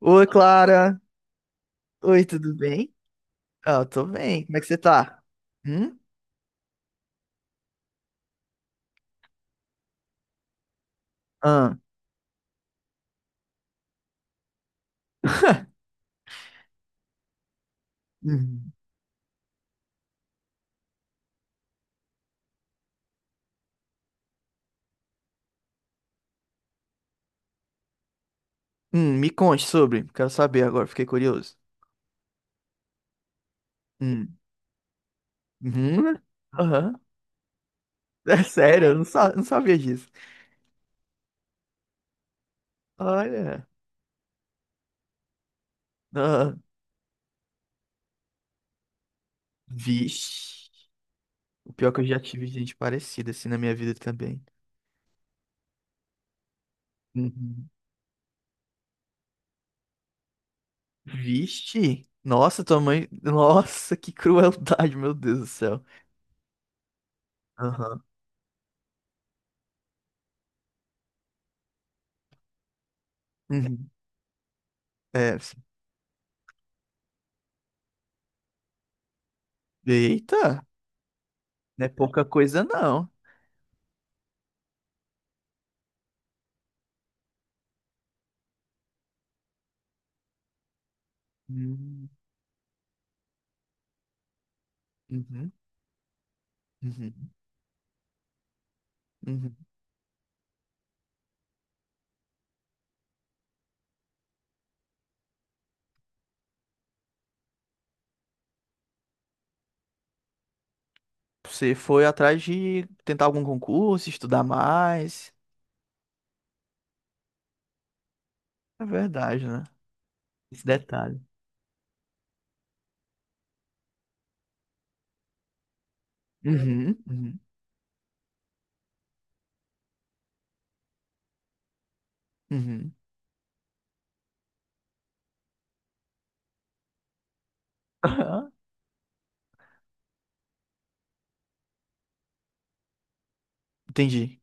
Oi, Clara. Oi, tudo bem? Ah, eu tô bem. Como é que você tá? Hum? Ah. Hum. Me conte sobre. Quero saber agora, fiquei curioso. Hum. Uhum. Aham. É sério, eu não, sa- não sabia disso. Olha. Ah. Vixe. O pior é que eu já tive gente parecida assim na minha vida também. Uhum. Vixe. Nossa, tua mãe. Nossa, que crueldade, meu Deus do céu. Aham. Uhum. É. Eita. Não é pouca coisa, não. Hum. Uhum, uhum, uhum. Você foi atrás de tentar algum concurso, estudar mais. É verdade, né? Esse detalhe. Uhum, uhum, uhum. Aham. Entendi.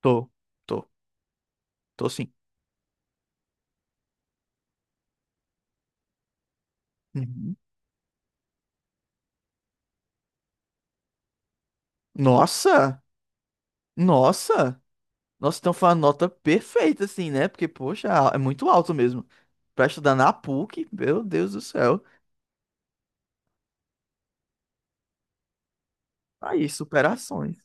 Tô, tô, tô sim. Uhum. Nossa, nossa. Nossa, então foi uma nota perfeita, assim, né? Porque, poxa, é muito alto mesmo. Pra estudar na PUC, meu Deus do céu. Tá aí, superações.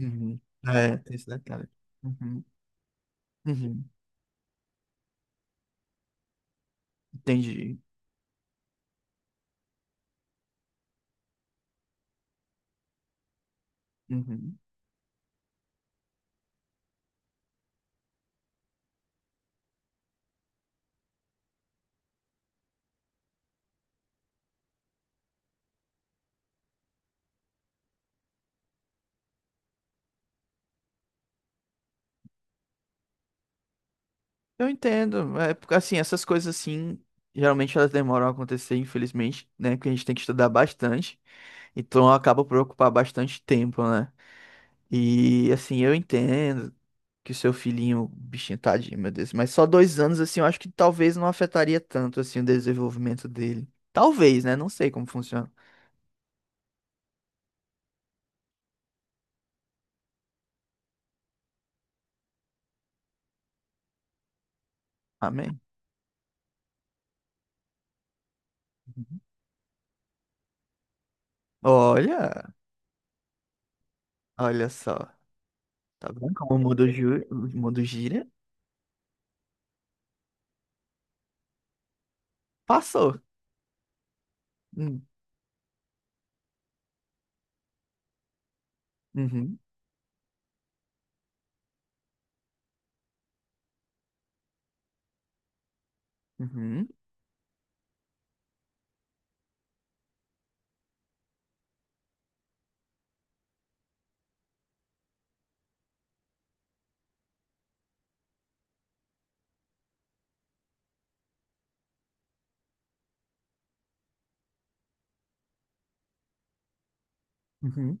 Uhum. É, tem esse detalhe. Uhum, uhum. Entendi. Uhum. Eu entendo. É, porque, assim, essas coisas assim, geralmente elas demoram a acontecer, infelizmente, né? Porque a gente tem que estudar bastante. Então acaba por ocupar bastante tempo, né? E assim, eu entendo que o seu filhinho, bichinho, tadinho, meu Deus. Mas só 2 anos, assim, eu acho que talvez não afetaria tanto, assim, o desenvolvimento dele. Talvez, né? Não sei como funciona. Amém? Uhum. Olha, olha só. Tá vendo como o mundo, o mundo gira? Passou. Hum. Uhum, uhum, uhum.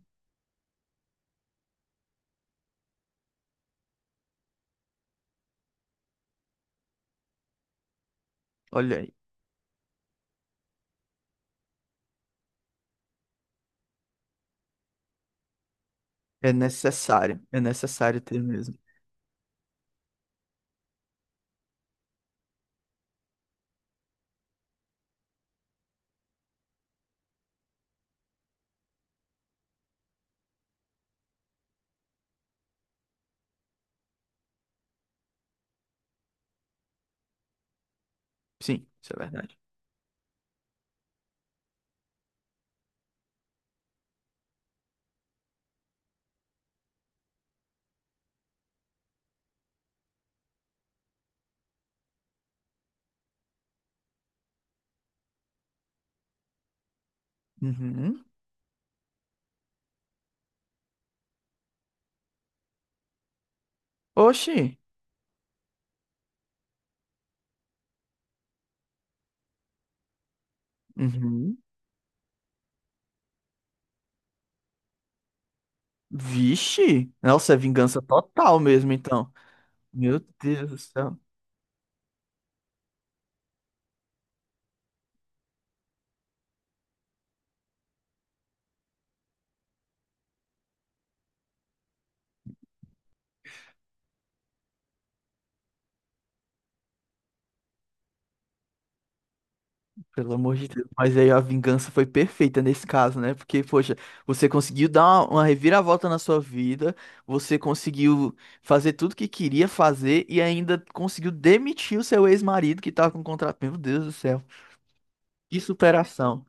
Olha aí. É necessário ter mesmo. Sim, isso é verdade. Uhum. Oxi. Uhum. Vixe. Nossa, é vingança total mesmo, então. Meu Deus do céu. Pelo amor de Deus. Mas aí a vingança foi perfeita nesse caso, né? Porque, poxa, você conseguiu dar uma reviravolta na sua vida, você conseguiu fazer tudo que queria fazer e ainda conseguiu demitir o seu ex-marido que tava com contrato. Meu Deus do céu. Que superação.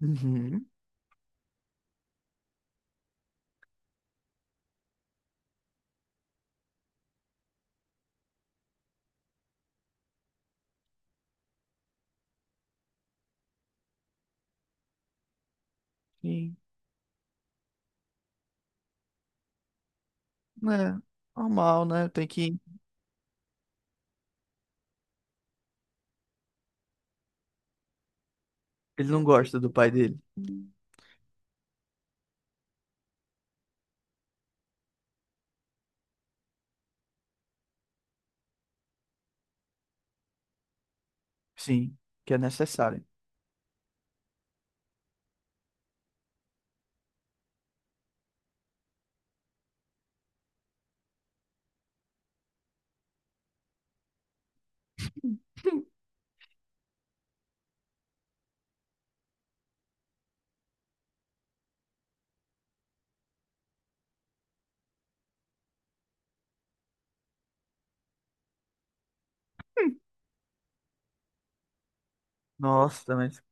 Uhum. Sim. É, normal, né? Tem que. Ele não gosta do pai dele. Sim, que é necessário. Nossa, mas.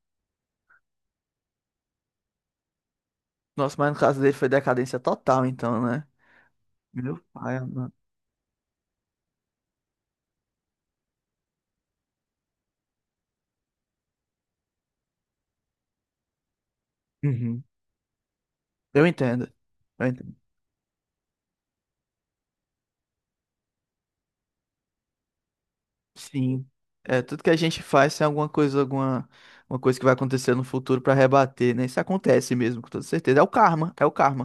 Nossa, mas no caso dele foi decadência total, então, né? Meu pai, mano. Uhum. Eu entendo. Eu entendo. Sim. É, tudo que a gente faz tem alguma coisa, alguma uma coisa que vai acontecer no futuro pra rebater, né? Isso acontece mesmo, com toda certeza. É o karma, é o karma.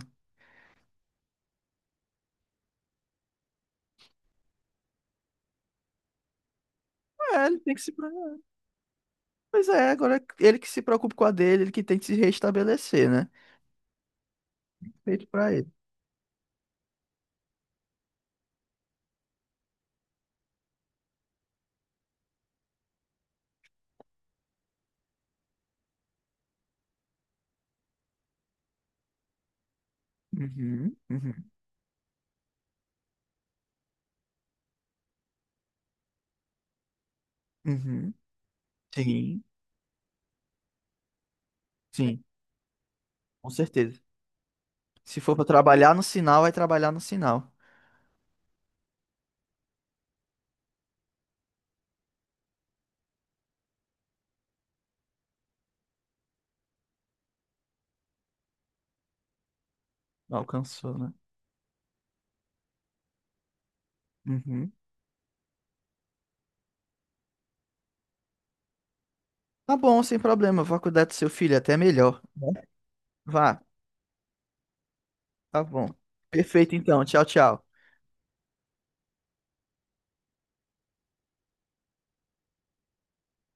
É, ele tem que se. Pois é, agora é ele que se preocupa com a dele, ele que tem que se restabelecer, né? Feito pra ele. Uhum, uhum, uhum. Sim, sim, com certeza. Se for pra trabalhar no sinal, vai trabalhar no sinal. Alcançou, né? Uhum. Tá bom, sem problema. Vou cuidar do seu filho, até melhor, né? Vá, tá bom. Perfeito, então. Tchau, tchau.